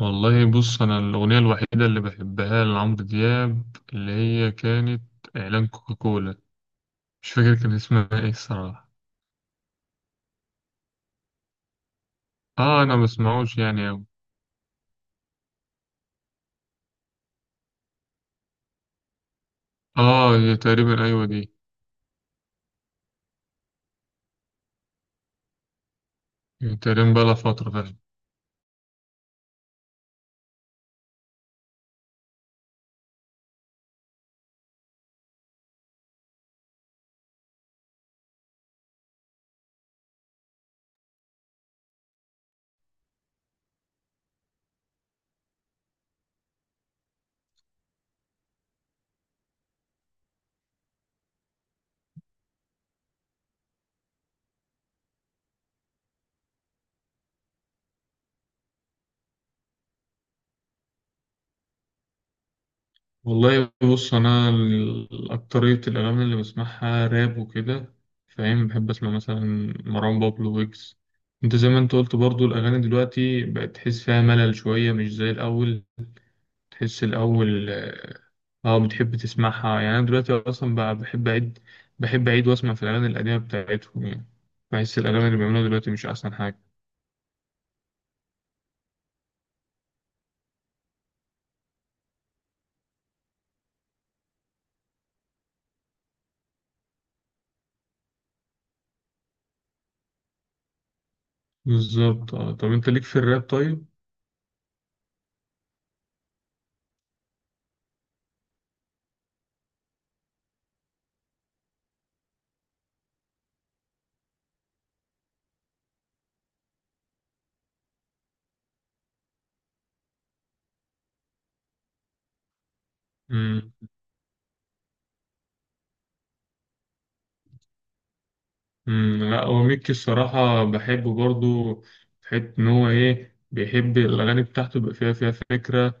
والله بص أنا الأغنية الوحيدة اللي بحبها لعمرو دياب اللي هي كانت إعلان كوكاكولا. مش فاكر كان اسمها إيه الصراحة. آه، أنا ما بسمعوش يعني أوي. آه، هي تقريبا أيوة دي. هي تقريبا بقالها فترة فعلا. والله بص أنا أكترية الأغاني اللي بسمعها راب وكده. فاهم بحب أسمع مثلا مروان بابلو ويجز. أنت زي ما أنت قلت برضو الأغاني دلوقتي بقت تحس فيها ملل شوية مش زي الأول. تحس الأول اه. بتحب تسمعها يعني. أنا دلوقتي أصلا بقى بحب أعيد. بحب أعيد وأسمع في الأغاني القديمة بتاعتهم يعني. بحس الأغاني اللي بيعملوها دلوقتي مش أحسن حاجة. بالظبط، اه. طب أنت ليك في الراب طيب؟ مم. مم. لا هو ميكي الصراحة بحبه برضو. في حتة إن هو إيه بيحب الأغاني بتاعته يبقى فيها فكرة.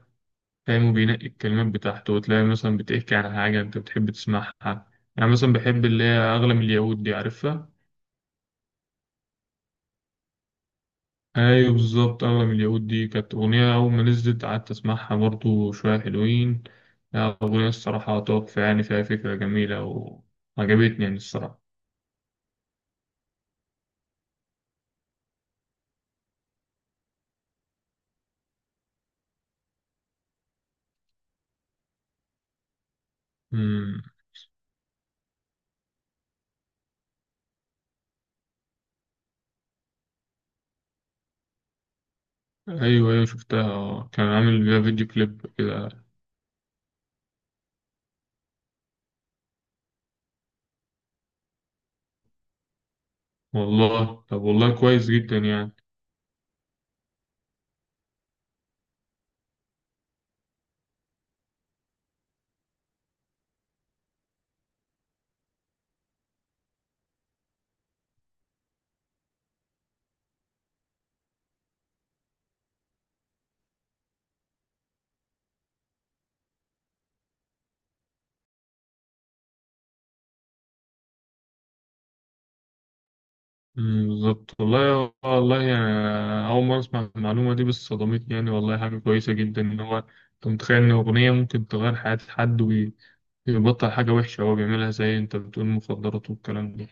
فاهم وبينقي الكلمات بتاعته وتلاقي مثلا بتحكي عن حاجة أنت بتحب تسمعها. يعني مثلا بحب اللي هي أغلى من اليهود دي، عارفها؟ ايوه بالظبط. اغلى من اليهود دي كانت اغنيه اول ما نزلت قعدت اسمعها برضو شويه حلوين. لا اغنيه الصراحه تحفه يعني فيها فكره جميله. وعجبتني يعني الصراحه. امم. ايوه، ايوه، شفتها. كان عامل فيها فيديو كليب كده. والله، طب، والله كويس جدا يعني. امم. بالظبط، والله والله يعني. اول مره اسمع المعلومه دي بس صدمتني يعني. والله حاجه كويسه جدا ان هو. انت متخيل ان اغنيه ممكن تغير حياه حد؟ يبطل حاجة وحشة هو بيعملها زي انت بتقول مخدرات والكلام ده.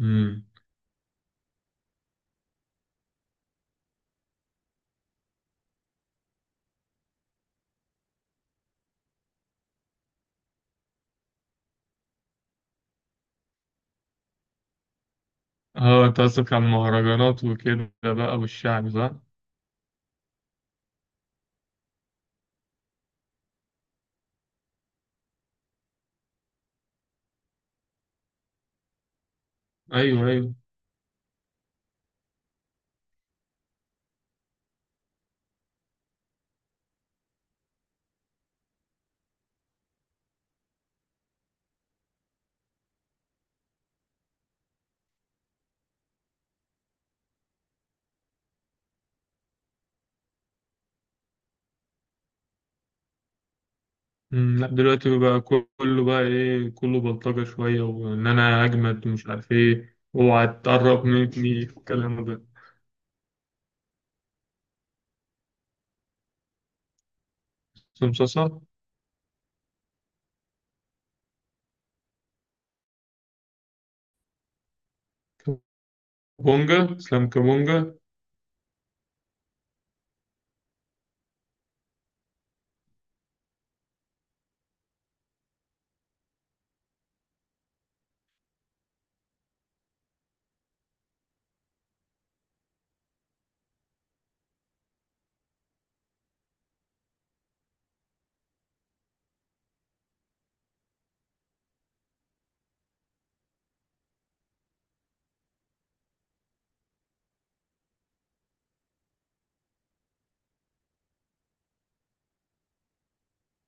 امم. اه، انت قصدك على المهرجانات وكده بقى والشعب، صح؟ ايوه، ايوه. امم. لا، دلوقتي بقى كله بقى ايه كله بلطجة شوية وان انا اجمد ومش عارف ايه اوعى تقرب مني الكلام ده. سمسوسة. كابونجا، اسلام كابونجا.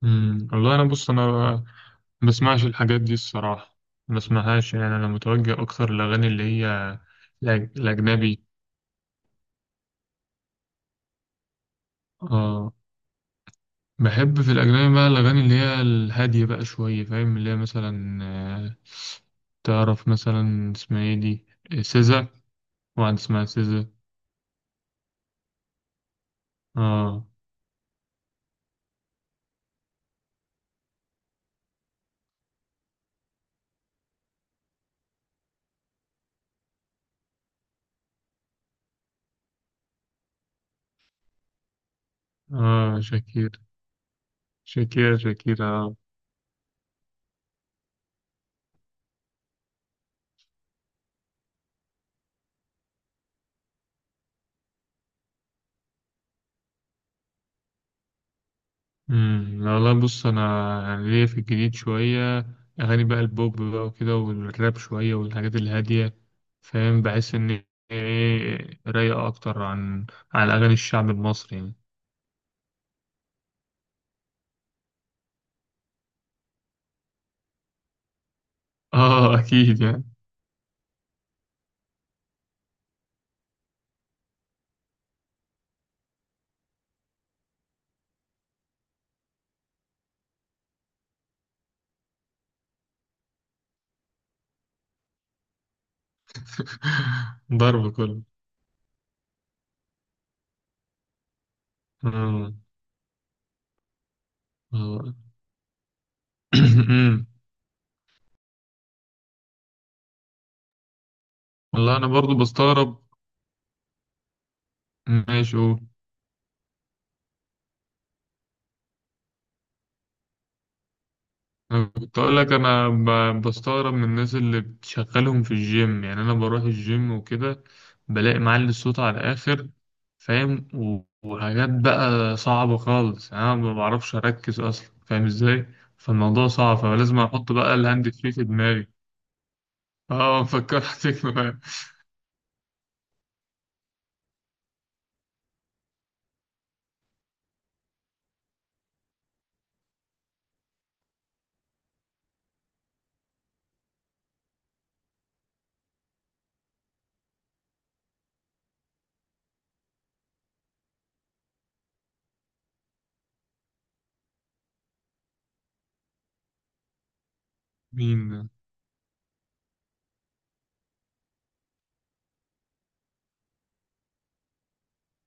امم. والله انا بص انا ما بسمعش الحاجات دي الصراحة. ما بسمعهاش يعني. انا متوجه اكتر للاغاني اللي هي الاجنبي. اه. بحب في الأجنبي بقى الأغاني اللي هي الهادية بقى شوية. فاهم اللي هي مثلا، تعرف مثلا اسمها ايه دي؟ سيزا. واحد اسمها سيزا. اه. اه، شاكير، شاكير، شاكير، اه. امم. لا، لا، بص انا يعني ليا في الجديد شوية اغاني بقى البوب بقى وكده والراب شوية والحاجات الهادية. فاهم بحس ان هي ايه رايقة اكتر عن اغاني الشعب المصري يعني. اه، اكيد يعني. ضرب كله. آه. آه. والله انا برضو بستغرب. ماشي، قول. انا كنت اقول لك انا بستغرب من الناس اللي بتشغلهم في الجيم يعني. انا بروح الجيم وكده بلاقي معلي الصوت على الاخر. فاهم وحاجات بقى صعبة خالص يعني. انا ما بعرفش اركز اصلا فاهم ازاي. فالموضوع صعب فلازم احط بقى الهاند فري في دماغي. اه، فكرتك بقى. مين ده؟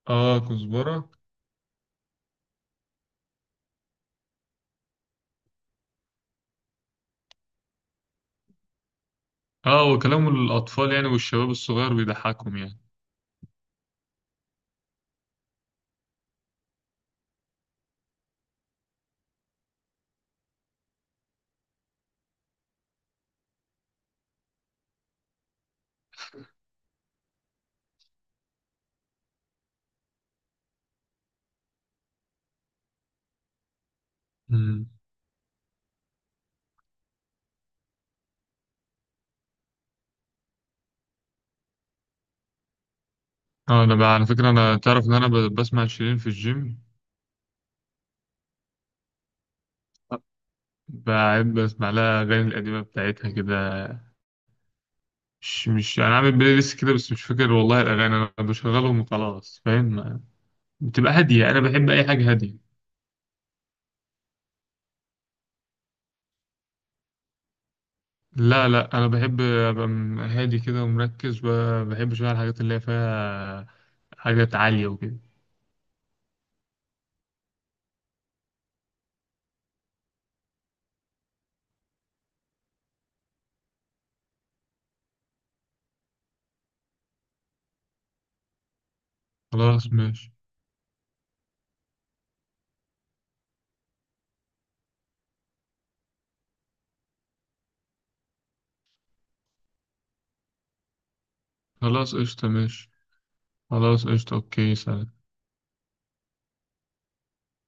اه، كزبرة. اه، وكلام الأطفال يعني والشباب الصغير بيضحكهم يعني. مم. اه، انا بقى على فكره انا تعرف ان انا بسمع شيرين في الجيم. بحب اسمع لها الاغاني القديمه بتاعتها كده. مش انا عامل بلاي ليست كده بس مش فاكر والله الاغاني انا بشغلهم وخلاص. فاهم بتبقى هاديه انا بحب اي حاجه هاديه. لا، لا، انا بحب ابقى هادي كده ومركز. ما بحبش بقى الحاجات اللي هي فيها حاجات عاليه وكده. خلاص، ماشي. خلاص، قشطه، ماشي. خلاص، قشطه، اوكي، سلام.